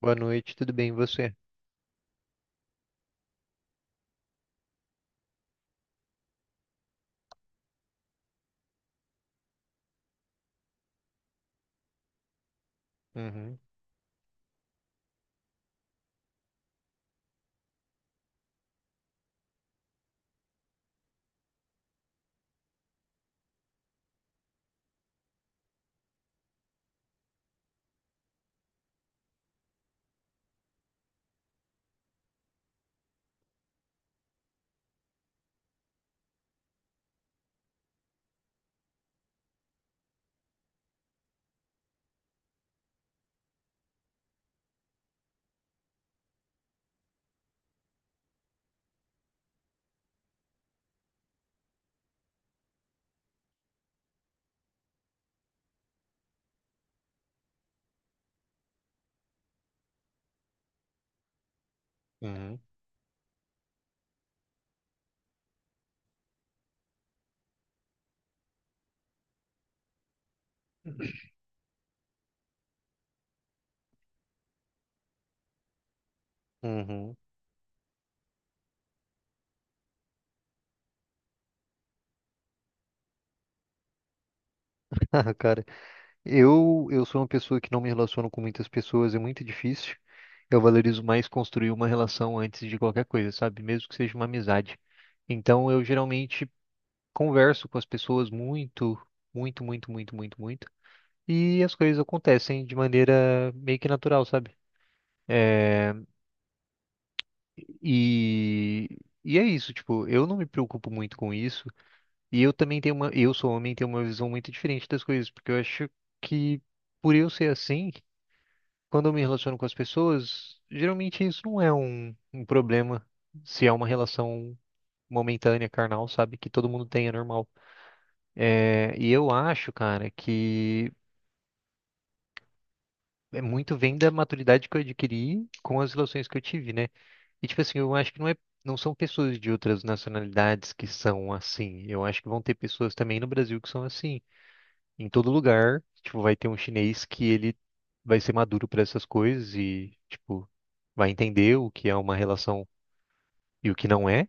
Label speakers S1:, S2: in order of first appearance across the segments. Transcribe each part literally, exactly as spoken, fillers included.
S1: Boa noite, tudo bem, e você? Uhum, uhum, uhum. Ah, cara, eu, eu sou uma pessoa que não me relaciono com muitas pessoas, é muito difícil. Eu valorizo mais construir uma relação antes de qualquer coisa, sabe? Mesmo que seja uma amizade. Então, eu geralmente converso com as pessoas muito, muito, muito, muito, muito, muito. E as coisas acontecem de maneira meio que natural, sabe? E, e é isso, tipo, eu não me preocupo muito com isso. E eu também tenho uma, eu sou homem e tenho uma visão muito diferente das coisas, porque eu acho que por eu ser assim, quando eu me relaciono com as pessoas, geralmente isso não é um, um problema, se é uma relação momentânea, carnal, sabe, que todo mundo tem, é normal. É, e eu acho, cara, que é muito vem da maturidade que eu adquiri com as relações que eu tive, né? E tipo assim, eu acho que não é. Não são pessoas de outras nacionalidades que são assim. Eu acho que vão ter pessoas também no Brasil que são assim. Em todo lugar, tipo, vai ter um chinês que ele vai ser maduro para essas coisas e, tipo, vai entender o que é uma relação e o que não é.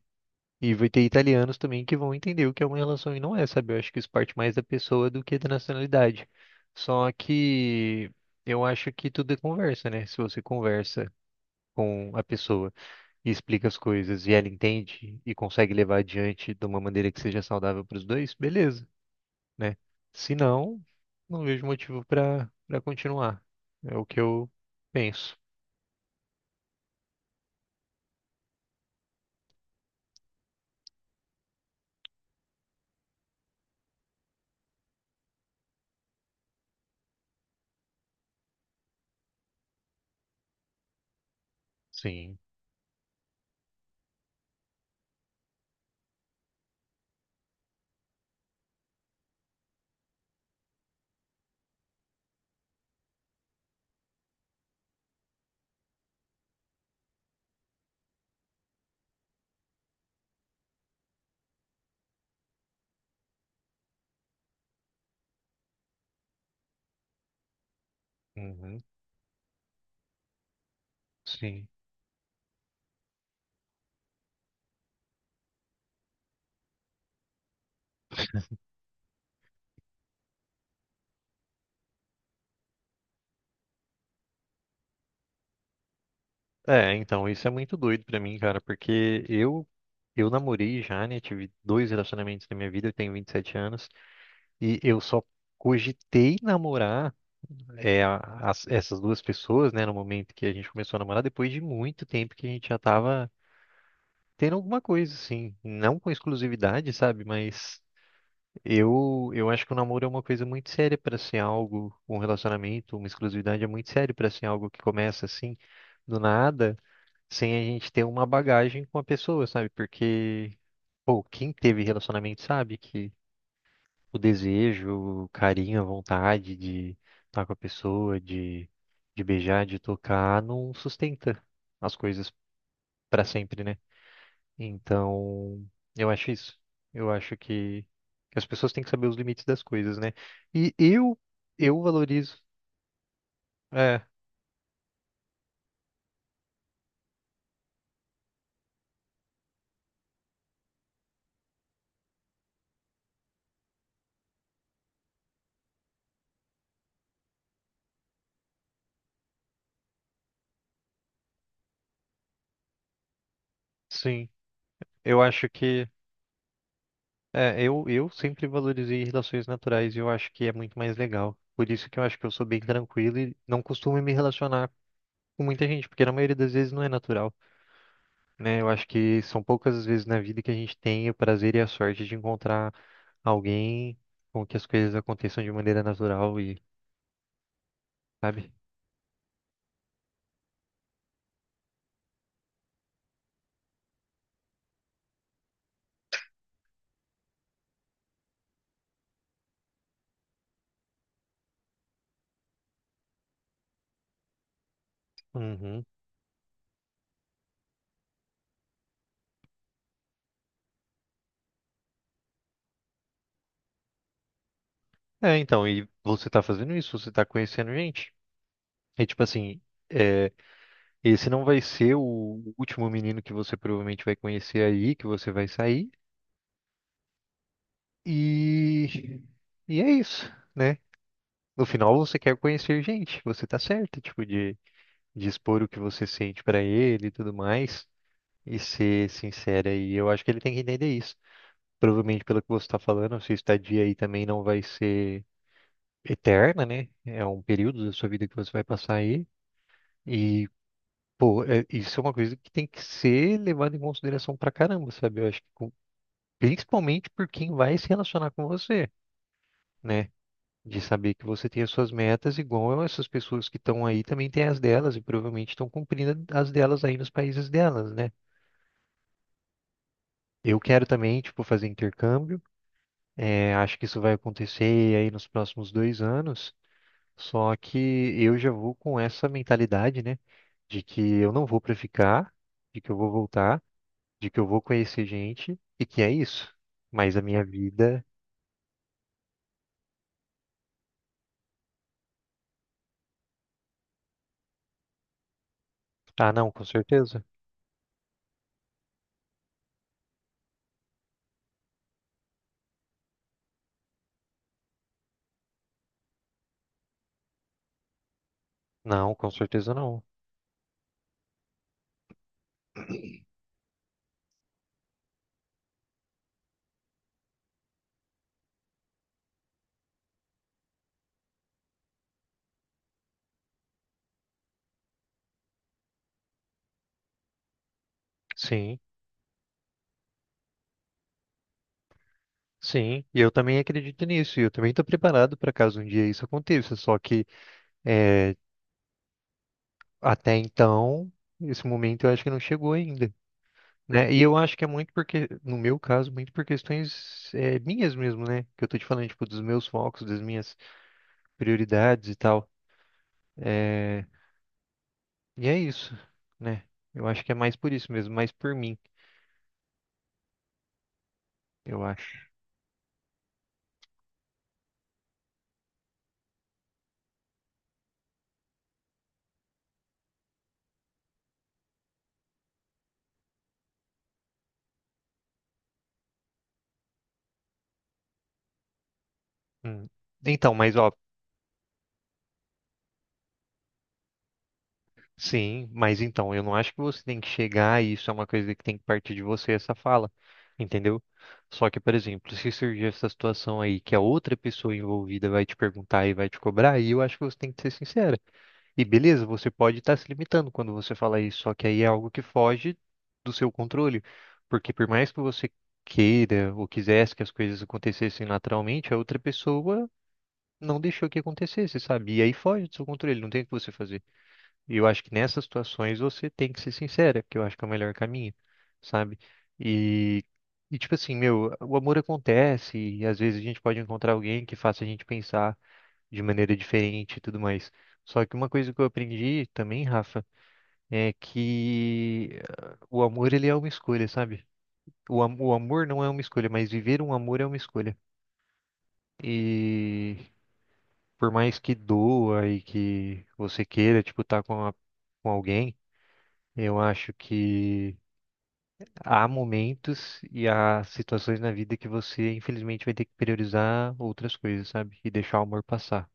S1: E vai ter italianos também que vão entender o que é uma relação e não é, sabe? Eu acho que isso parte mais da pessoa do que da nacionalidade. Só que eu acho que tudo é conversa, né? Se você conversa com a pessoa e explica as coisas e ela entende e consegue levar adiante de uma maneira que seja saudável para os dois, beleza, né? Se não, não vejo motivo para para continuar. É o que eu penso. Sim. Uhum, sim. É, então, isso é muito doido pra mim, cara, porque eu eu namorei já, né? Tive dois relacionamentos na minha vida, eu tenho vinte e sete anos, e eu só cogitei namorar é, a- as- essas duas pessoas, né, no momento que a gente começou a namorar, depois de muito tempo que a gente já tava tendo alguma coisa, assim, não com exclusividade, sabe? Mas Eu, eu acho que o namoro é uma coisa muito séria para ser algo, um relacionamento, uma exclusividade é muito sério para ser algo que começa assim, do nada, sem a gente ter uma bagagem com a pessoa, sabe? Porque, pô, quem teve relacionamento sabe que o desejo, o carinho, a vontade de estar com a pessoa, de, de beijar, de tocar, não sustenta as coisas para sempre, né? Então, eu acho isso. Eu acho que, que as pessoas têm que saber os limites das coisas, né? E eu, eu valorizo. É, sim. Eu acho que, é, eu, eu sempre valorizei relações naturais e eu acho que é muito mais legal. Por isso que eu acho que eu sou bem tranquilo e não costumo me relacionar com muita gente, porque na maioria das vezes não é natural, né? Eu acho que são poucas as vezes na vida que a gente tem o prazer e a sorte de encontrar alguém com que as coisas aconteçam de maneira natural e, sabe? Uhum. É, então, e você tá fazendo isso, você tá conhecendo gente. É tipo assim, é, esse não vai ser o último menino que você provavelmente vai conhecer aí, que você vai sair. E, e é isso, né? No final você quer conhecer gente, você tá certo, tipo, de, de expor o que você sente pra ele e tudo mais, e ser sincera. E eu acho que ele tem que entender isso. Provavelmente, pelo que você tá falando, a sua estadia aí também não vai ser eterna, né? É um período da sua vida que você vai passar aí. E Pô, é- isso é uma coisa que tem que ser levada em consideração pra caramba, sabe? Eu acho que com- principalmente por quem vai se relacionar com você, né? De saber que você tem as suas metas, igual essas pessoas que estão aí também têm as delas e provavelmente estão cumprindo as delas aí nos países delas, né? Eu quero também, tipo, fazer intercâmbio. É, acho que isso vai acontecer aí nos próximos dois anos. Só que eu já vou com essa mentalidade, né? De que eu não vou pra ficar, de que eu vou voltar. De que eu vou conhecer gente e que é isso. Mas a minha vida. Ah, não, com certeza. Não, com certeza não. Sim, sim. E eu também acredito nisso. E eu também estou preparado para caso um dia isso aconteça. Só que é, até então, esse momento eu acho que não chegou ainda. Né? E eu acho que é muito porque, no meu caso, muito por questões é, minhas mesmo, né? Que eu tô te falando, tipo, dos meus focos, das minhas prioridades e tal. É, e é isso, né? Eu acho que é mais por isso mesmo, mais por mim. Eu acho. Hum. Então, mas ó, sim, mas então, eu não acho que você tem que chegar e isso é uma coisa que tem que partir de você, essa fala, entendeu? Só que, por exemplo, se surgir essa situação aí que a outra pessoa envolvida vai te perguntar e vai te cobrar, aí eu acho que você tem que ser sincera. E beleza, você pode estar se limitando quando você fala isso, só que aí é algo que foge do seu controle, porque por mais que você queira ou quisesse que as coisas acontecessem naturalmente, a outra pessoa não deixou que acontecesse, sabe? E aí foge do seu controle, não tem o que você fazer. E eu acho que nessas situações você tem que ser sincera, que eu acho que é o melhor caminho, sabe? E, e tipo assim, meu, o amor acontece e às vezes a gente pode encontrar alguém que faça a gente pensar de maneira diferente e tudo mais. Só que uma coisa que eu aprendi também, Rafa, é que ah, o amor ele é uma escolha, sabe? O, am- o amor não é uma escolha, mas viver um amor é uma escolha. E por mais que doa e que você queira, tipo, estar com, a- com alguém, eu acho que há momentos e há situações na vida que você, infelizmente, vai ter que priorizar outras coisas, sabe? E deixar o amor passar.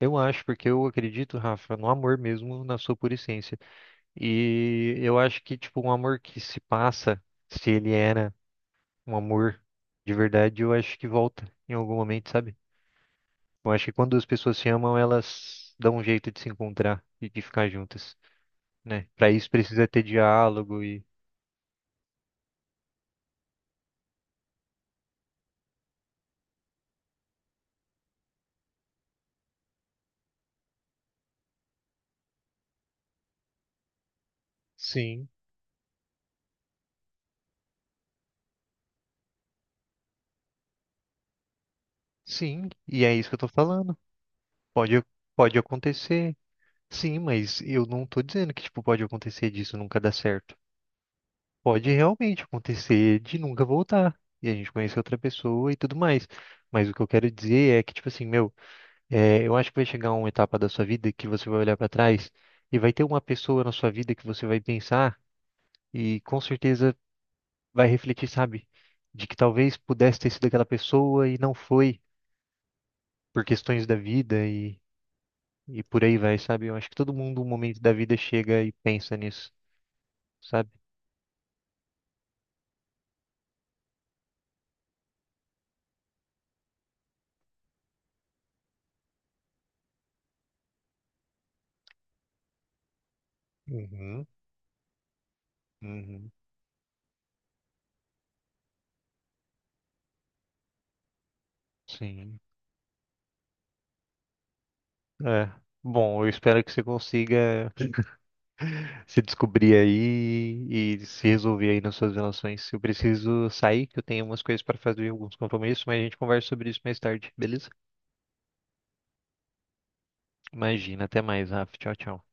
S1: Eu acho, porque eu acredito, Rafa, no amor mesmo, na sua pura essência. E eu acho que, tipo, um amor que se passa, se ele era um amor de verdade, eu acho que volta em algum momento, sabe? Eu acho que quando as pessoas se amam, elas dão um jeito de se encontrar e de ficar juntas, né? Para isso precisa ter diálogo e sim, sim, e é isso que eu tô falando. Pode, pode acontecer. Sim, mas eu não tô dizendo que tipo pode acontecer disso nunca dar certo. Pode realmente acontecer de nunca voltar e a gente conhecer outra pessoa e tudo mais. Mas o que eu quero dizer é que tipo assim, meu, é, eu acho que vai chegar uma etapa da sua vida que você vai olhar para trás e vai ter uma pessoa na sua vida que você vai pensar. E com certeza vai refletir, sabe? De que talvez pudesse ter sido aquela pessoa e não foi por questões da vida e, e por aí vai, sabe? Eu acho que todo mundo, um momento da vida, chega e pensa nisso, sabe? Uhum, uhum. Sim. É. Bom, eu espero que você consiga se descobrir aí e se resolver aí nas suas relações. Eu preciso sair, que eu tenho umas coisas para fazer, alguns compromissos, mas a gente conversa sobre isso mais tarde, beleza? Imagina, até mais, Rafa. Tchau, tchau.